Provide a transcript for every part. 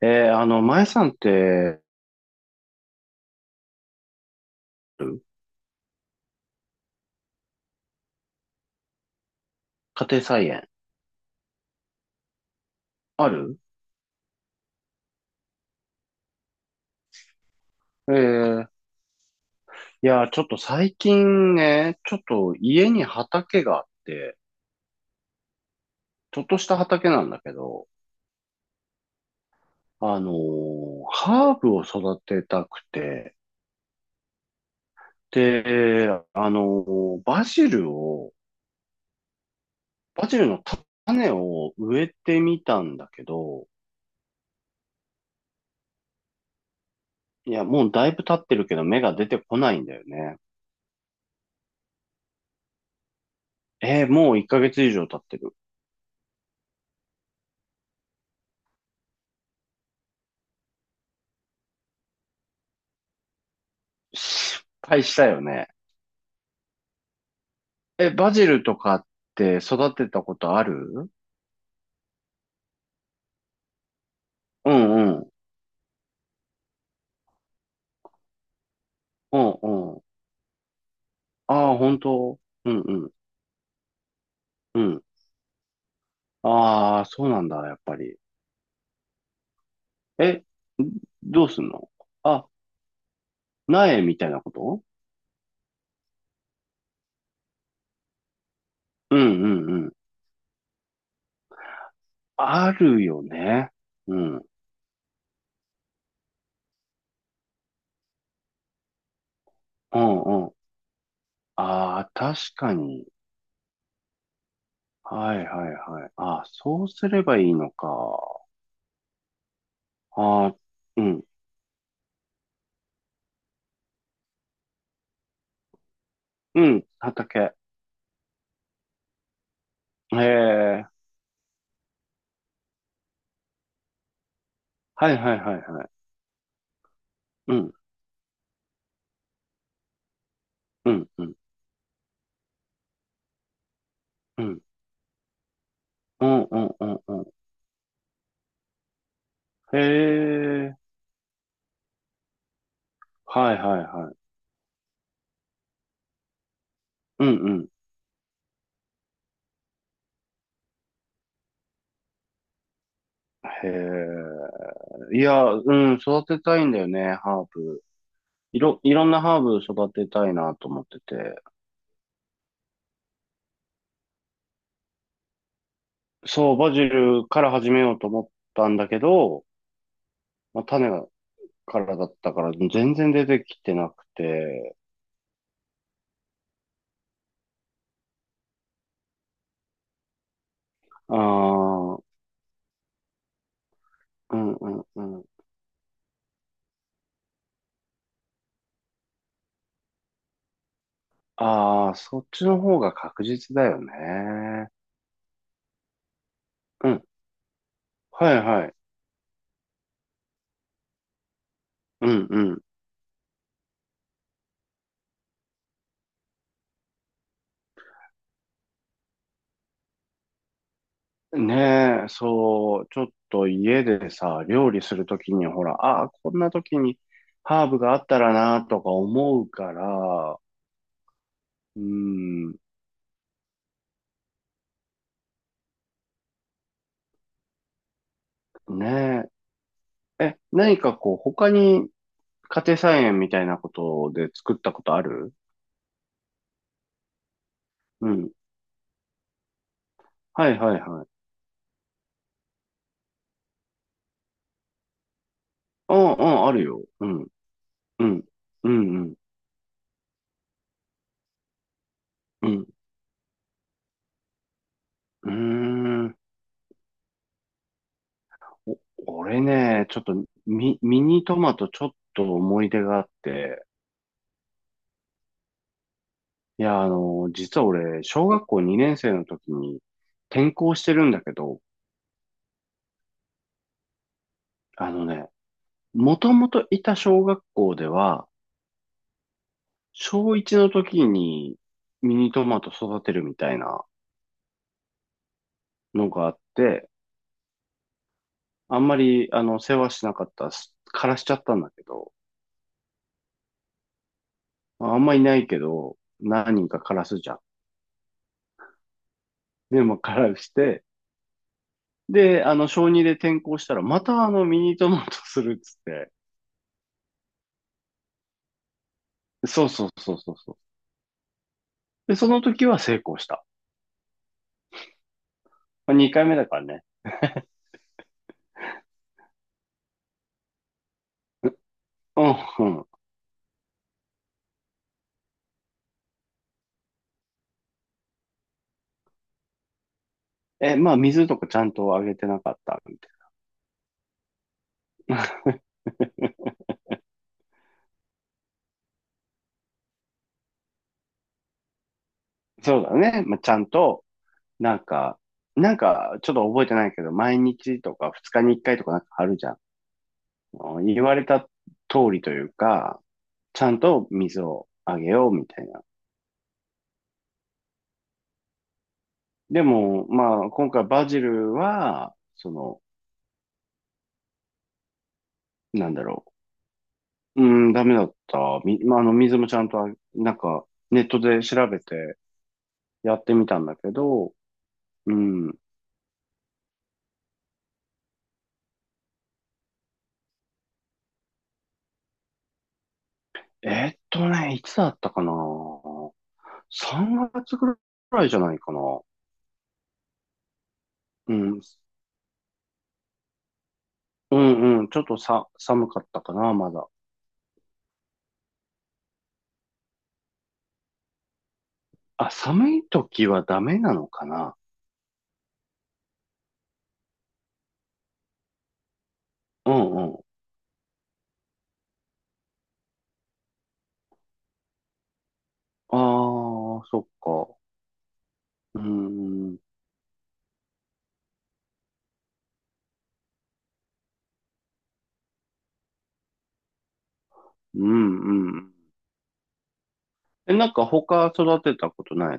前さんって、家庭菜園、ある？えー、いや、ちょっと最近ね、ちょっと家に畑があって、ちょっとした畑なんだけど、ハーブを育てたくて、で、バジルを、バジルの種を植えてみたんだけど、いや、もうだいぶ経ってるけど芽が出てこないんだよね。もう1ヶ月以上経ってる。失敗したよね。え、バジルとかって育てたことある？うんうん。うんうん。ああ、本当？うんうん。うん。ああ、そうなんだ、やっぱり。え、どうすんの？あ、苗みたいなこと？うんうんうん。あるよね。うん。うんうん。ああ、確かに。はいはいはい。ああ、そうすればいいのか。ああ、うん。うん、畑。へえ。はいはいはいはい。うん、うん、うん、うん。うん、うん、うん、うん。へえ、はいはいはい。うんうん。へえ。いや、うん、育てたいんだよね、ハーブ。いろんなハーブ育てたいなと思ってて。そう、バジルから始めようと思ったんだけど、まあ、種からだったから全然出てきてなくて。ああ、うんうんうん。ああ、そっちの方が確実だよね。うん。はいはい。うんうん。ねえ、そう、ちょっと家でさ、料理するときに、ほら、ああ、こんなときにハーブがあったらな、とか思うから、うん、ねえ。え、何かこう、他に家庭菜園みたいなことで作ったことある？うん。はいはいはい。うんうん、あるよ。うん、うん、うん、うん、うん。うーん。お俺ね、ちょっとミニトマトちょっと思い出があって、いや、実は俺、小学校2年生の時に転校してるんだけど、あのね、もともといた小学校では、小1の時にミニトマト育てるみたいなのがあって、あんまり、世話しなかった、枯らしちゃったんだけど、まあんまいないけど、何人か枯らすじゃん。で、も枯らして、で、小2で転校したら、またミニトマトするっつって、そうそうそうそうそう。で、その時は成功した。2回目だからね。うん、うん。え、まあ、水とかちゃんとあげてなかったみたいな。そうだね。まあ、ちゃんと、なんか、なんか、ちょっと覚えてないけど、毎日とか2日に1回とかなんかあるじゃん。うん言われた通りというか、ちゃんと水をあげようみたいな。でも、まあ、今回バジルは、その、なんだろう。うん、ダメだった。まあ、水もちゃんとなんか、ネットで調べてやってみたんだけど、うん、いつだったかな ?3 月ぐらいじゃないかな。うん。うんうん。ちょっとさ、寒かったかな、まだ。あ、寒い時はダメなのかな？うんうん。ああ、そっか。うん。うんうん。え、なんか他育てたことない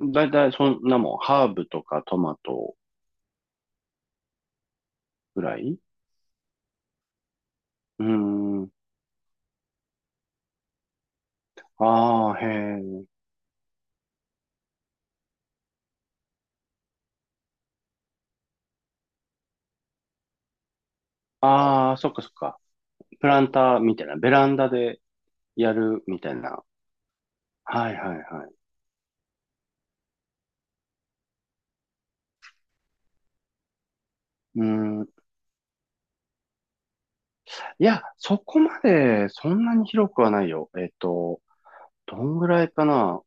の？だいたいそんなもん、ハーブとかトマトぐらい？うん。ああ、へえ。ああ、そっかそっか。プランターみたいな、ベランダでやるみたいな？はいはいはい。うーん。いや、そこまでそんなに広くはないよ。どんぐらいかな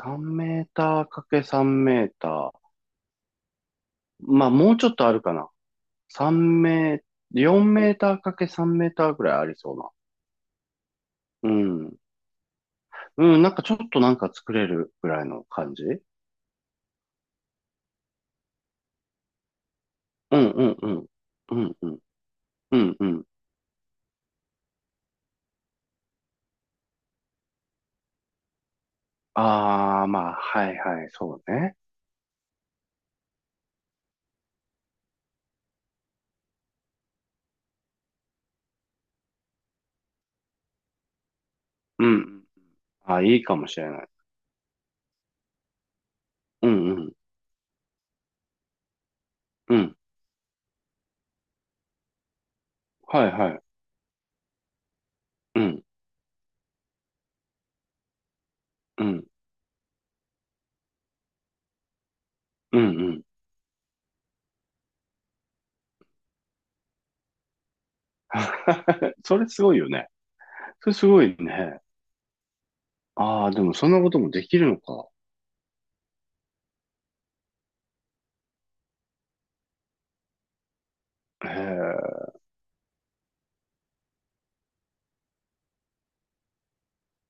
?3 メーターかけ3メーター。まあ、もうちょっとあるかな。3メー、4メーターかけ3メーターぐらいありそうな。うん。うん、なんかちょっとなんか作れるぐらいの感じ？うんうんうん。うんうん。うんうん。ああ、まあ、はいはい、そうね。うん。あ、いいかもしれない。うんうん。うん。はいはい。うん。うん。うんうん。それすごいよね。それすごいね。ああ、でもそんなこともできるのか。へえ。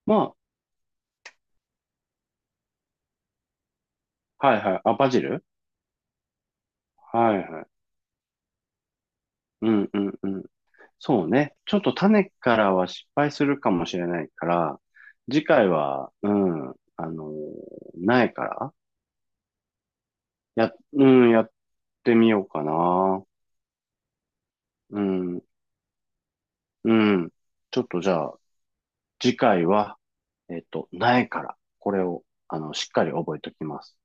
まあ、はいはい。あ、バジル？はいはい。うんうんうん。そうね。ちょっと種からは失敗するかもしれないから、次回は、うん、あの苗から、うん、やってみようかな。うん、うん。ちょっとじゃあ、次回は、苗から、これを、しっかり覚えておきます。